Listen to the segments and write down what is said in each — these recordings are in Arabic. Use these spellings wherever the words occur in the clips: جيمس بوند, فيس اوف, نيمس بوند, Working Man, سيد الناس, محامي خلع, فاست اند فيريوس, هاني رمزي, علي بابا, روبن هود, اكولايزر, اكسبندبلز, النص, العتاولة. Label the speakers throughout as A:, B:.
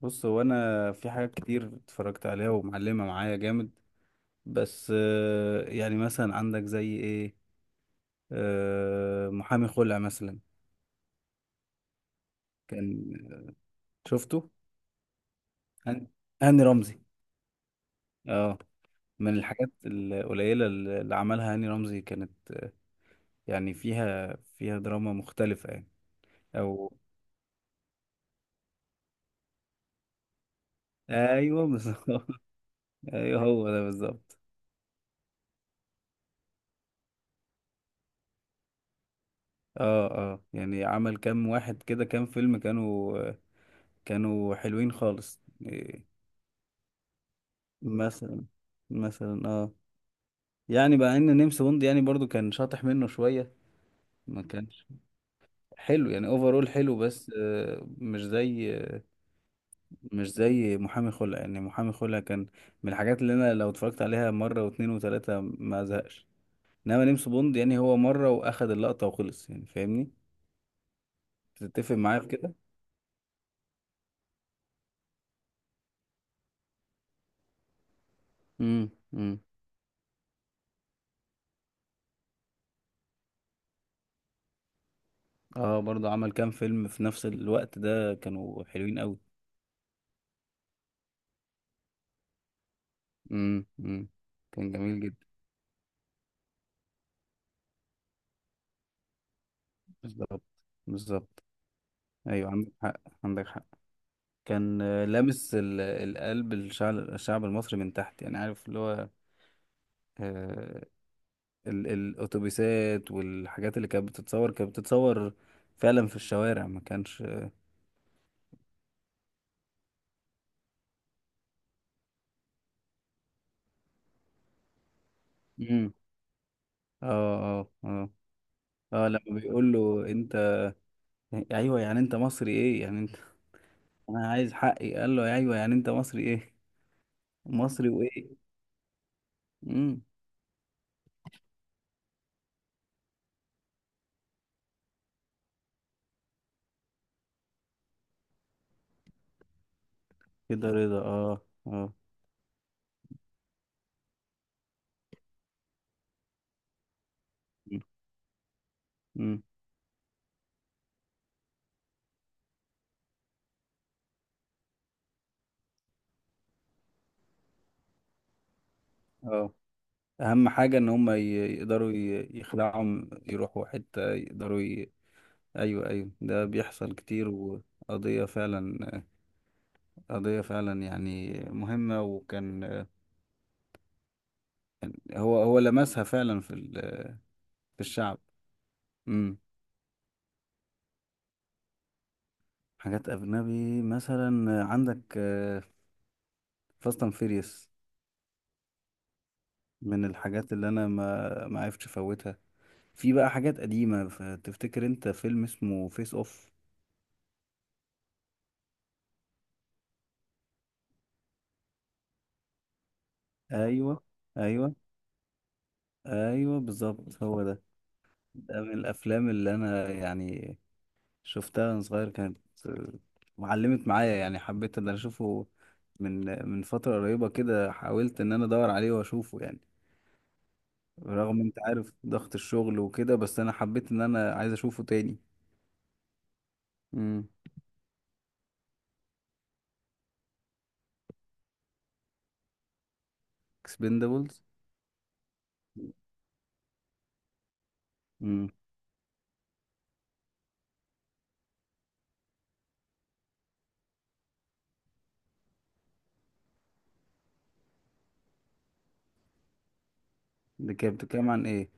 A: بص، هو انا في حاجات كتير اتفرجت عليها ومعلمه معايا جامد. بس يعني مثلا عندك زي ايه؟ محامي خلع مثلا. كان شفته هن- هاني رمزي، اه. من الحاجات القليله اللي عملها هاني رمزي كانت يعني فيها دراما مختلفه يعني. او ايوه بالظبط. ايوه، هو ده بالظبط. اه اه، يعني عمل كام واحد كده، كام فيلم كانوا حلوين خالص. مثلا، مثلا اه. يعني بقى ان نيمس بوند يعني برضو كان شاطح منه شوية. ما كانش حلو، يعني اوفرول حلو، بس مش زي محامي خلع. يعني محامي خلع كان من الحاجات اللي انا لو اتفرجت عليها مرة واتنين وتلاتة ما ازهقش. انما نيمس بوند يعني هو مرة واخد اللقطة وخلص يعني، فاهمني؟ تتفق معايا في كده. امم، امم. اه، برضو عمل كام فيلم في نفس الوقت ده، كانوا حلوين قوي. امم، امم. كان جميل جدا. بالظبط، بالظبط. ايوه عندك حق، عندك حق. كان لامس القلب، الشعب المصري من تحت. يعني عارف اللي هو آه، الاتوبيسات والحاجات اللي كانت بتتصور فعلا في الشوارع، ما كانش. امم، اه اه، اه اه. لما بيقول له انت، ايوه يعني انت مصري ايه، يعني انت انا عايز حقي. قال له ايوه يعني انت مصري ايه، مصري وايه. امم. كده رضا، اه اه. امم. اهم حاجه ان هم يقدروا يخلعهم، يروحوا حته يقدروا ايوه ايوه، ده بيحصل كتير وقضيه فعلا، قضيه فعلا يعني مهمه. وكان هو لمسها فعلا في في الشعب. امم. حاجات اجنبي مثلا عندك فاست اند فيريوس. من الحاجات اللي انا ما عرفتش افوتها. في بقى حاجات قديمه، تفتكر انت فيلم اسمه فيس اوف؟ ايوه، ايوه. ايوه بالظبط، هو ده. ده من الافلام اللي انا يعني شفتها وانا صغير كانت معلمت معايا. يعني حبيت ان انا اشوفه. من فتره قريبه كده حاولت ان انا ادور عليه واشوفه يعني. رغم انت عارف ضغط الشغل وكده، بس انا حبيت ان انا عايز اشوفه تاني. امم. اكسبندبلز. امم. دي كانت بتتكلم عن ايه؟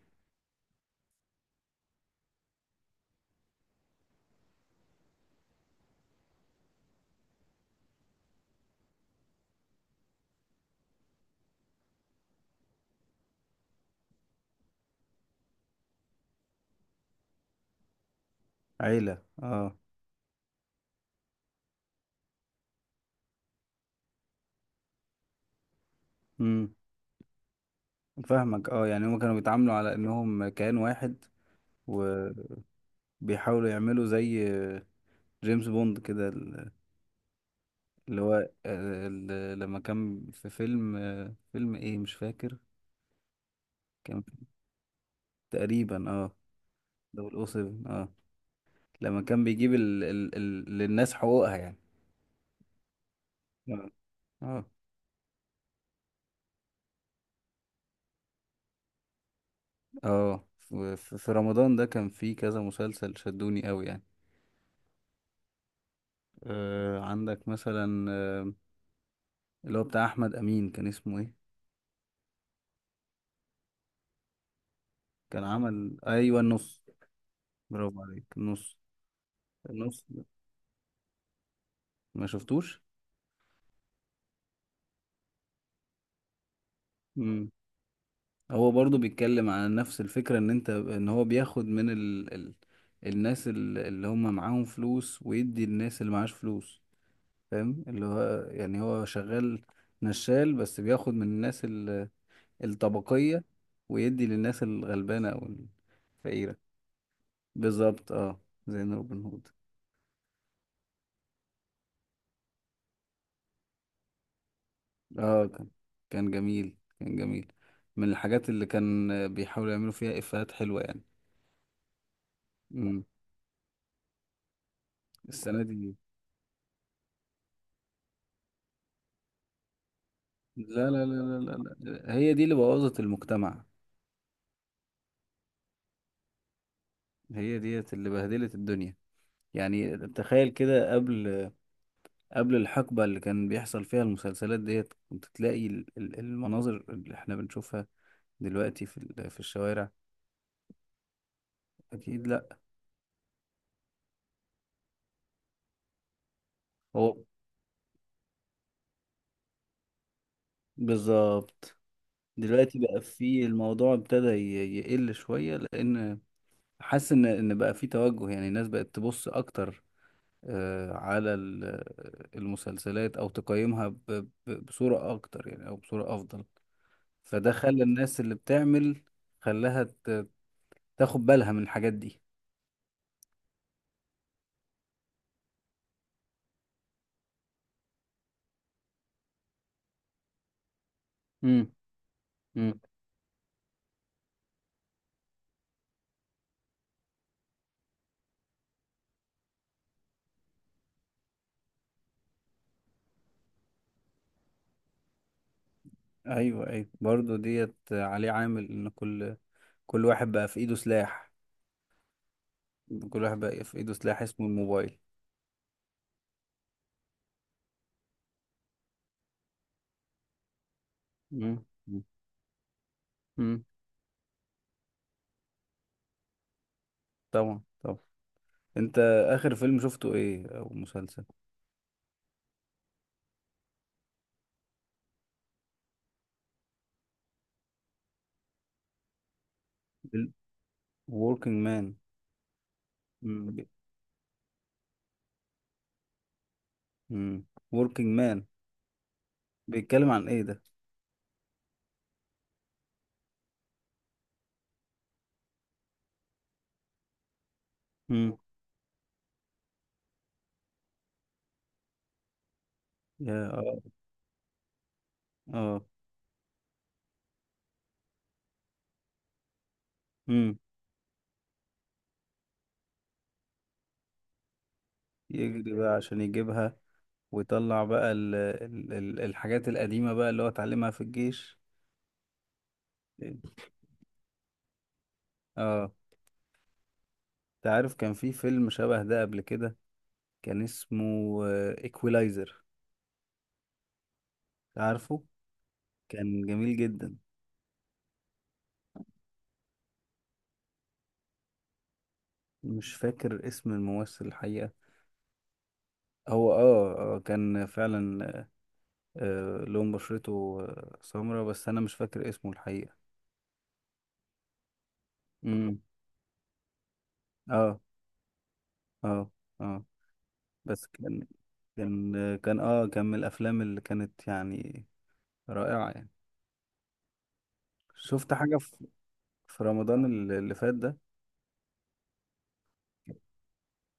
A: عيله، اه. امم. فاهمك اه، يعني هما كانوا بيتعاملوا على انهم كيان واحد، وبيحاولوا يعملوا زي جيمس بوند كده. اللي هو لما كان في فيلم، فيلم ايه مش فاكر، كان تقريبا اه. دول او 7، اه. لما كان بيجيب للناس حقوقها يعني. اه، اه، اه. في في رمضان ده كان في كذا مسلسل شدوني قوي يعني. عندك مثلا اللي هو بتاع احمد امين، كان اسمه ايه؟ كان عمل، ايوه النص. برافو عليك، النص. النص ده، ما شفتوش. مم. هو برضو بيتكلم عن نفس الفكرة ان انت، ان هو بياخد من الناس اللي هم معاهم فلوس، ويدي الناس اللي معاش فلوس. فاهم اللي هو، يعني هو شغال نشال، بس بياخد من الناس الطبقية ويدي للناس الغلبانة، او الفقيرة. بالظبط اه، زي روبن هود. اه، كان، كان جميل، كان جميل. من الحاجات اللي كان بيحاولوا يعملوا فيها افيهات حلوة يعني. امم. السنة دي. لا لا لا. لا لا لا. هي دي اللي بوظت المجتمع. هي ديت اللي بهدلت الدنيا. يعني تخيل كده، قبل الحقبة اللي كان بيحصل فيها المسلسلات ديت، كنت تلاقي المناظر اللي احنا بنشوفها دلوقتي في في الشوارع؟ أكيد لا. هو بالظبط. دلوقتي بقى في الموضوع ابتدى يقل شوية، لأن حاسس إن بقى في توجه. يعني الناس بقت تبص أكتر على المسلسلات او تقيمها بصورة اكتر، يعني او بصورة افضل. فده خلى الناس اللي بتعمل، خلاها تاخد بالها من الحاجات دي. امم، امم. ايوه ايوه، برضو ديت عليه عامل ان كل واحد بقى في ايده سلاح، كل واحد بقى في ايده سلاح اسمه الموبايل. امم، امم. طبعا، طبعا. انت، اخر فيلم شفته ايه، او مسلسل؟ ال- Working Man. امم. Working Man بيتكلم عن ايه ده؟ امم، يا اه اه. امم. يجري بقى عشان يجيبها، ويطلع بقى الحاجات القديمة بقى اللي هو اتعلمها في الجيش. اه. انت عارف كان في فيلم شبه ده قبل كده، كان اسمه ايكولايزر. عارفه. كان جميل جدا. مش فاكر اسم الممثل الحقيقة. هو اه، كان فعلا، لون بشرته سمرة، بس انا مش فاكر اسمه الحقيقة. امم، اه اه، اه. بس كان، كان من الافلام اللي كانت يعني رائعة يعني. شفت حاجة في، في رمضان اللي فات ده؟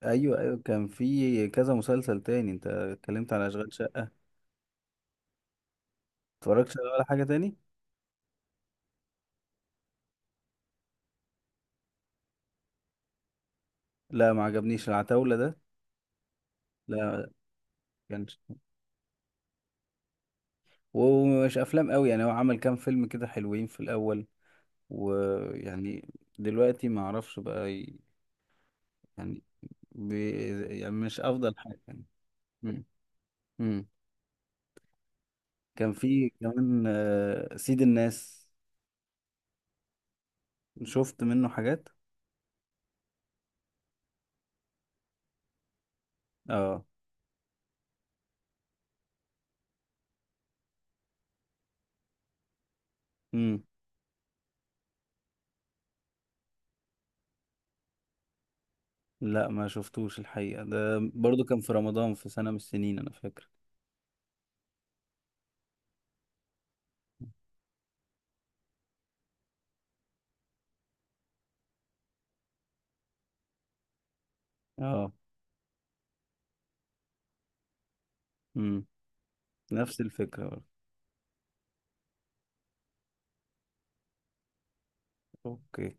A: ايوه، ايوه. كان في كذا مسلسل تاني، انت اتكلمت على اشغال شقة. اتفرجتش على ولا حاجة تاني؟ لا ما عجبنيش العتاولة ده. لا ما كانش، ومش افلام قوي يعني. هو عمل كام فيلم كده حلوين في الاول، ويعني دلوقتي ما اعرفش بقى يعني، بي يعني مش افضل حاجة يعني. مم. مم. كان في كمان سيد الناس، شفت منه حاجات. اه. امم. لا ما شفتوش الحقيقة. ده برضو كان في رمضان في سنة من السنين انا فاكر. اه. امم. نفس الفكرة برضو. اوكي.